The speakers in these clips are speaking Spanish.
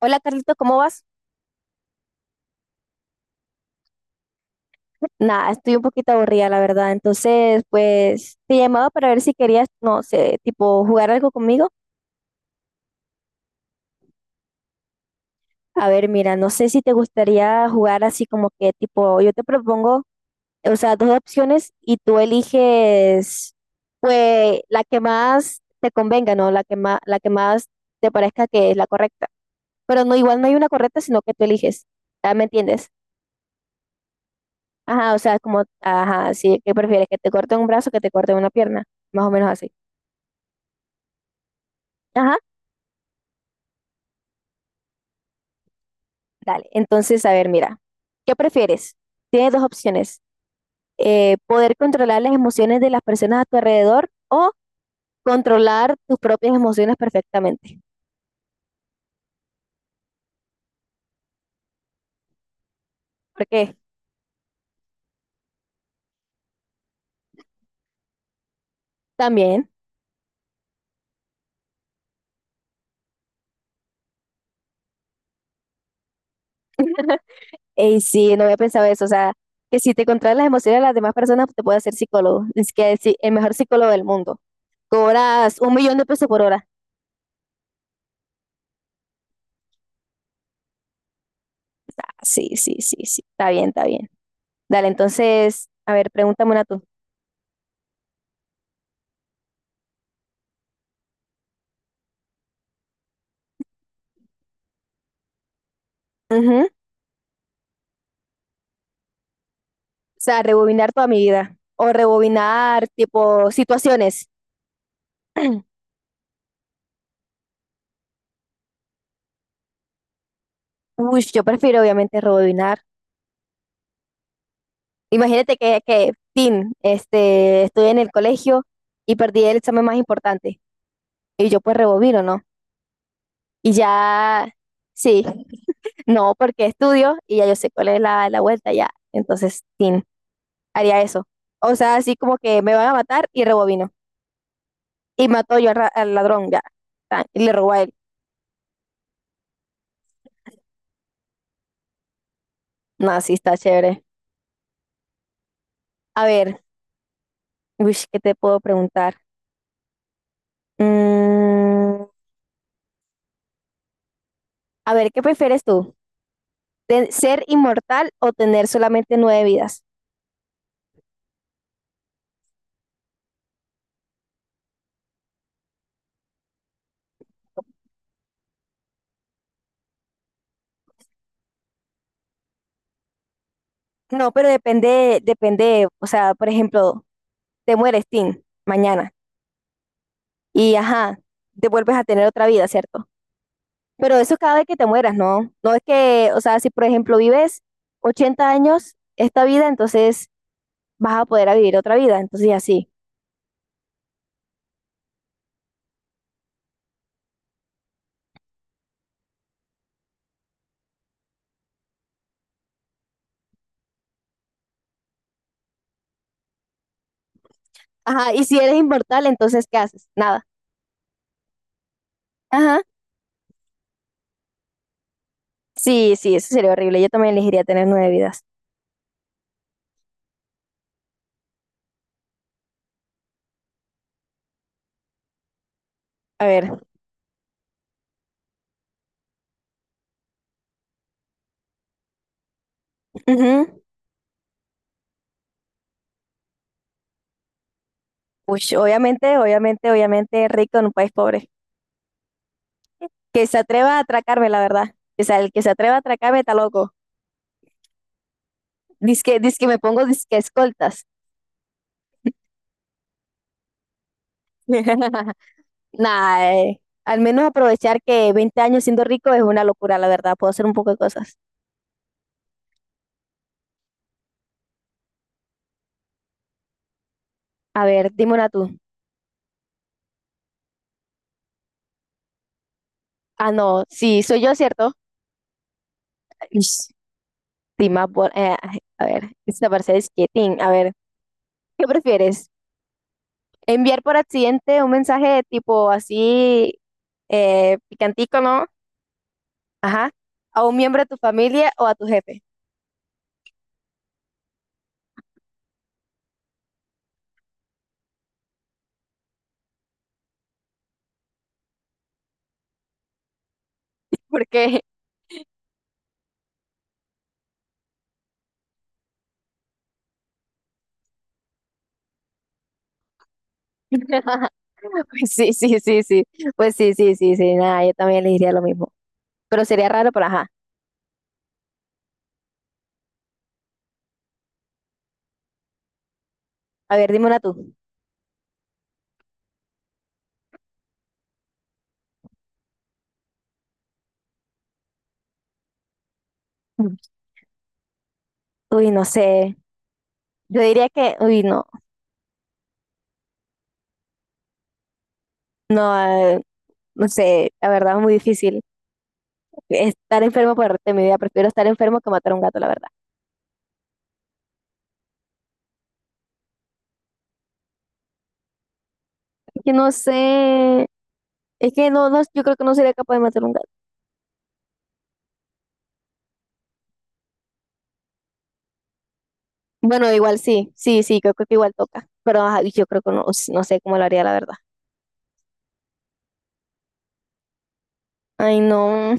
Hola Carlito, ¿cómo vas? Nada, estoy un poquito aburrida, la verdad. Entonces, pues te llamaba para ver si querías, no sé, tipo jugar algo conmigo. A ver, mira, no sé si te gustaría jugar así como que tipo, yo te propongo, o sea, dos opciones y tú eliges, pues, la que más te convenga, ¿no? La que más te parezca que es la correcta. Pero no, igual no hay una correcta, sino que tú eliges. Ah, ¿me entiendes? Ajá, o sea, como, ajá, sí, ¿qué prefieres? ¿Que te corten un brazo o que te corten una pierna? Más o menos así. Ajá, dale. Entonces, a ver, mira, ¿qué prefieres? Tienes dos opciones. Poder controlar las emociones de las personas a tu alrededor o controlar tus propias emociones perfectamente. Porque también, y sí, no había pensado eso, o sea, que si te controlas las emociones de las demás personas, te puedes hacer psicólogo. Es que sí, el mejor psicólogo del mundo. Cobras un millón de pesos por hora. Ah, sí, sí, sí, sí. Está bien, está bien. Dale, entonces, a ver, pregúntame una tú. O sea, rebobinar toda mi vida. O rebobinar tipo situaciones. Uy, yo prefiero obviamente rebobinar. Imagínate que, estoy en el colegio y perdí el examen más importante. Y yo pues rebobino, ¿no? Y ya, sí, no, porque estudio y ya yo sé cuál es la vuelta ya. Entonces, tin, haría eso. O sea, así como que me van a matar y rebobino. Y mató yo al ladrón ya. Tan, y le robó a él. No, sí, está chévere. A ver, uy, ¿qué te puedo preguntar? Mm, a ver, ¿qué prefieres tú? ¿Ser inmortal o tener solamente nueve vidas? No, pero depende, depende, o sea, por ejemplo, te mueres, Tim, mañana, y ajá, te vuelves a tener otra vida, ¿cierto? Pero eso es cada vez que te mueras, ¿no? No es que, o sea, si por ejemplo vives 80 años esta vida, entonces vas a poder a vivir otra vida, entonces y así. Ajá, y si eres inmortal, entonces ¿qué haces? Nada. Ajá. Sí, sí, eso sería horrible. Yo también elegiría tener nueve vidas. A ver. Ujú. Uy, obviamente, obviamente, obviamente, rico en un país pobre. Que se atreva a atracarme, la verdad. O sea, el que se atreva a atracarme está loco. Dice que, me pongo disque escoltas. Nah, al menos aprovechar que 20 años siendo rico es una locura, la verdad. Puedo hacer un poco de cosas. A ver, dime una tú. Ah, no, sí, soy yo, ¿cierto? Ish, sí, más ay, a ver, esta parece disquetín. A ver, ¿qué prefieres? ¿Enviar por accidente un mensaje tipo así picantico, ¿no? Ajá. A un miembro de tu familia o a tu jefe. Porque, pues sí, sí, sí, sí. Pues sí, sí, sí, sí. Nada, yo también le diría lo mismo. Pero sería raro, pero ajá. A ver, dime una tú. Mm. Uy, no sé. Yo diría que, uy, no. No, no sé. La verdad es muy difícil. Estar enfermo por el resto de mi vida. Prefiero estar enfermo que matar a un gato, la verdad. Es que no sé. Es que no, no, yo creo que no sería capaz de matar a un gato. Bueno, igual sí, sí, sí, creo que igual toca. Pero ajá, yo creo que no, no sé cómo lo haría, la verdad. Ay, no.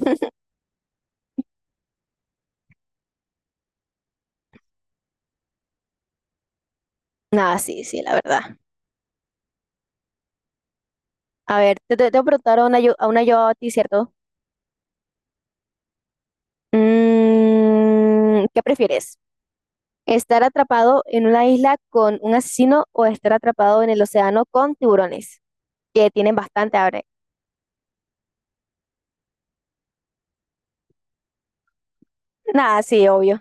Nada, sí, sí, la verdad. A ver, te voy a preguntar una yo a ti, ¿cierto? Mm, ¿qué prefieres? ¿Estar atrapado en una isla con un asesino o estar atrapado en el océano con tiburones? Que tienen bastante hambre. Nada, sí, obvio.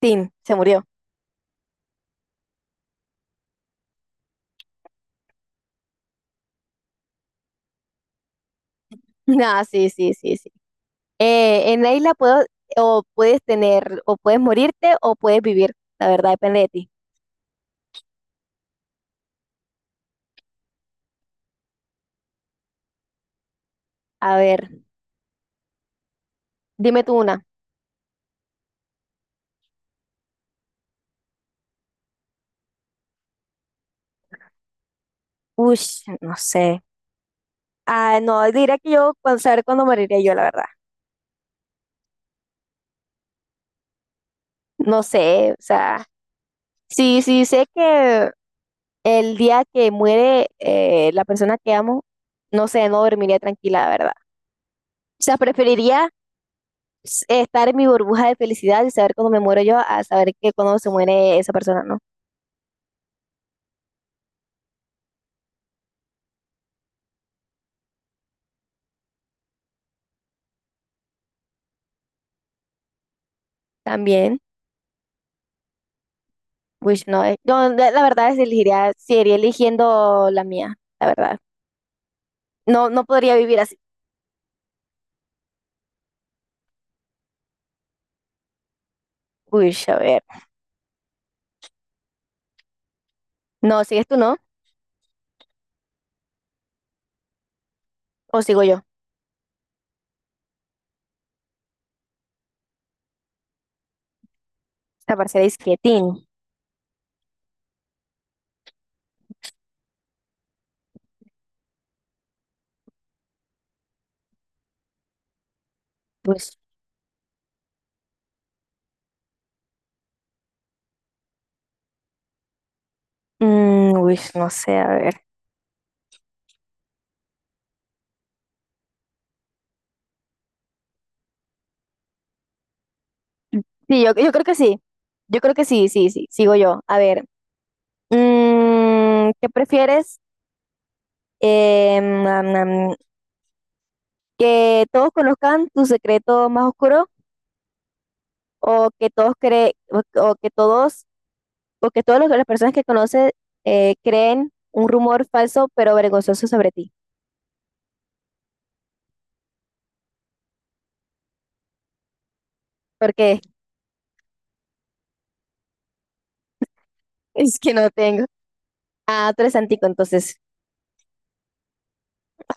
Tim, se murió. Nada, sí, sí, sí, sí. En la isla o puedes tener, o puedes morirte o puedes vivir. La verdad depende de ti. A ver, dime tú una. Uy, no sé. Ah, no, diría que yo, saber cuándo moriría yo, la verdad. No sé, o sea, sí, sí sé que el día que muere la persona que amo, no sé, no dormiría tranquila, la verdad. O sea, preferiría estar en mi burbuja de felicidad y saber cuando me muero yo a saber que cuando se muere esa persona, ¿no? También, pues no, yo la verdad es elegiría, seguiría eligiendo la mía, la verdad. No, no podría vivir así. Uy, a ver. No, ¿sigues tú, no? ¿O sigo yo? Esta parcela es quietín. Pues, uy, no sé, a ver. Sí, yo creo que sí. Yo creo que sí, sí, sí. Sigo yo. A ver, ¿qué prefieres? Eh, nam, nam, ¿Que todos conozcan tu secreto más oscuro o que todos creen o que todos o que todas los- las personas que conoces creen un rumor falso pero vergonzoso sobre ti? Porque es que no tengo. Ah, tú eres antico, entonces.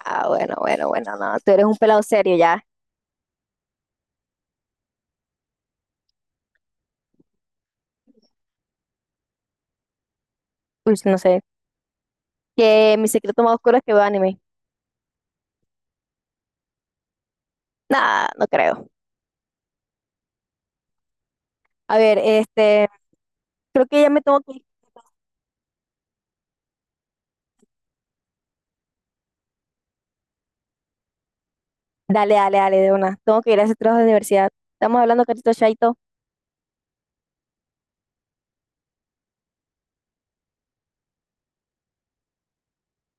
Ah, bueno, bueno, bueno, no. Tú eres un pelado serio ya. Uy, no sé. Que mi secreto más oscuro es que veo anime. Nah, no creo. A ver, creo que ya me tengo que ir. Dale, dale, dale, de una. Tengo que ir a ese trabajo de universidad. Estamos hablando, Carito, chaito.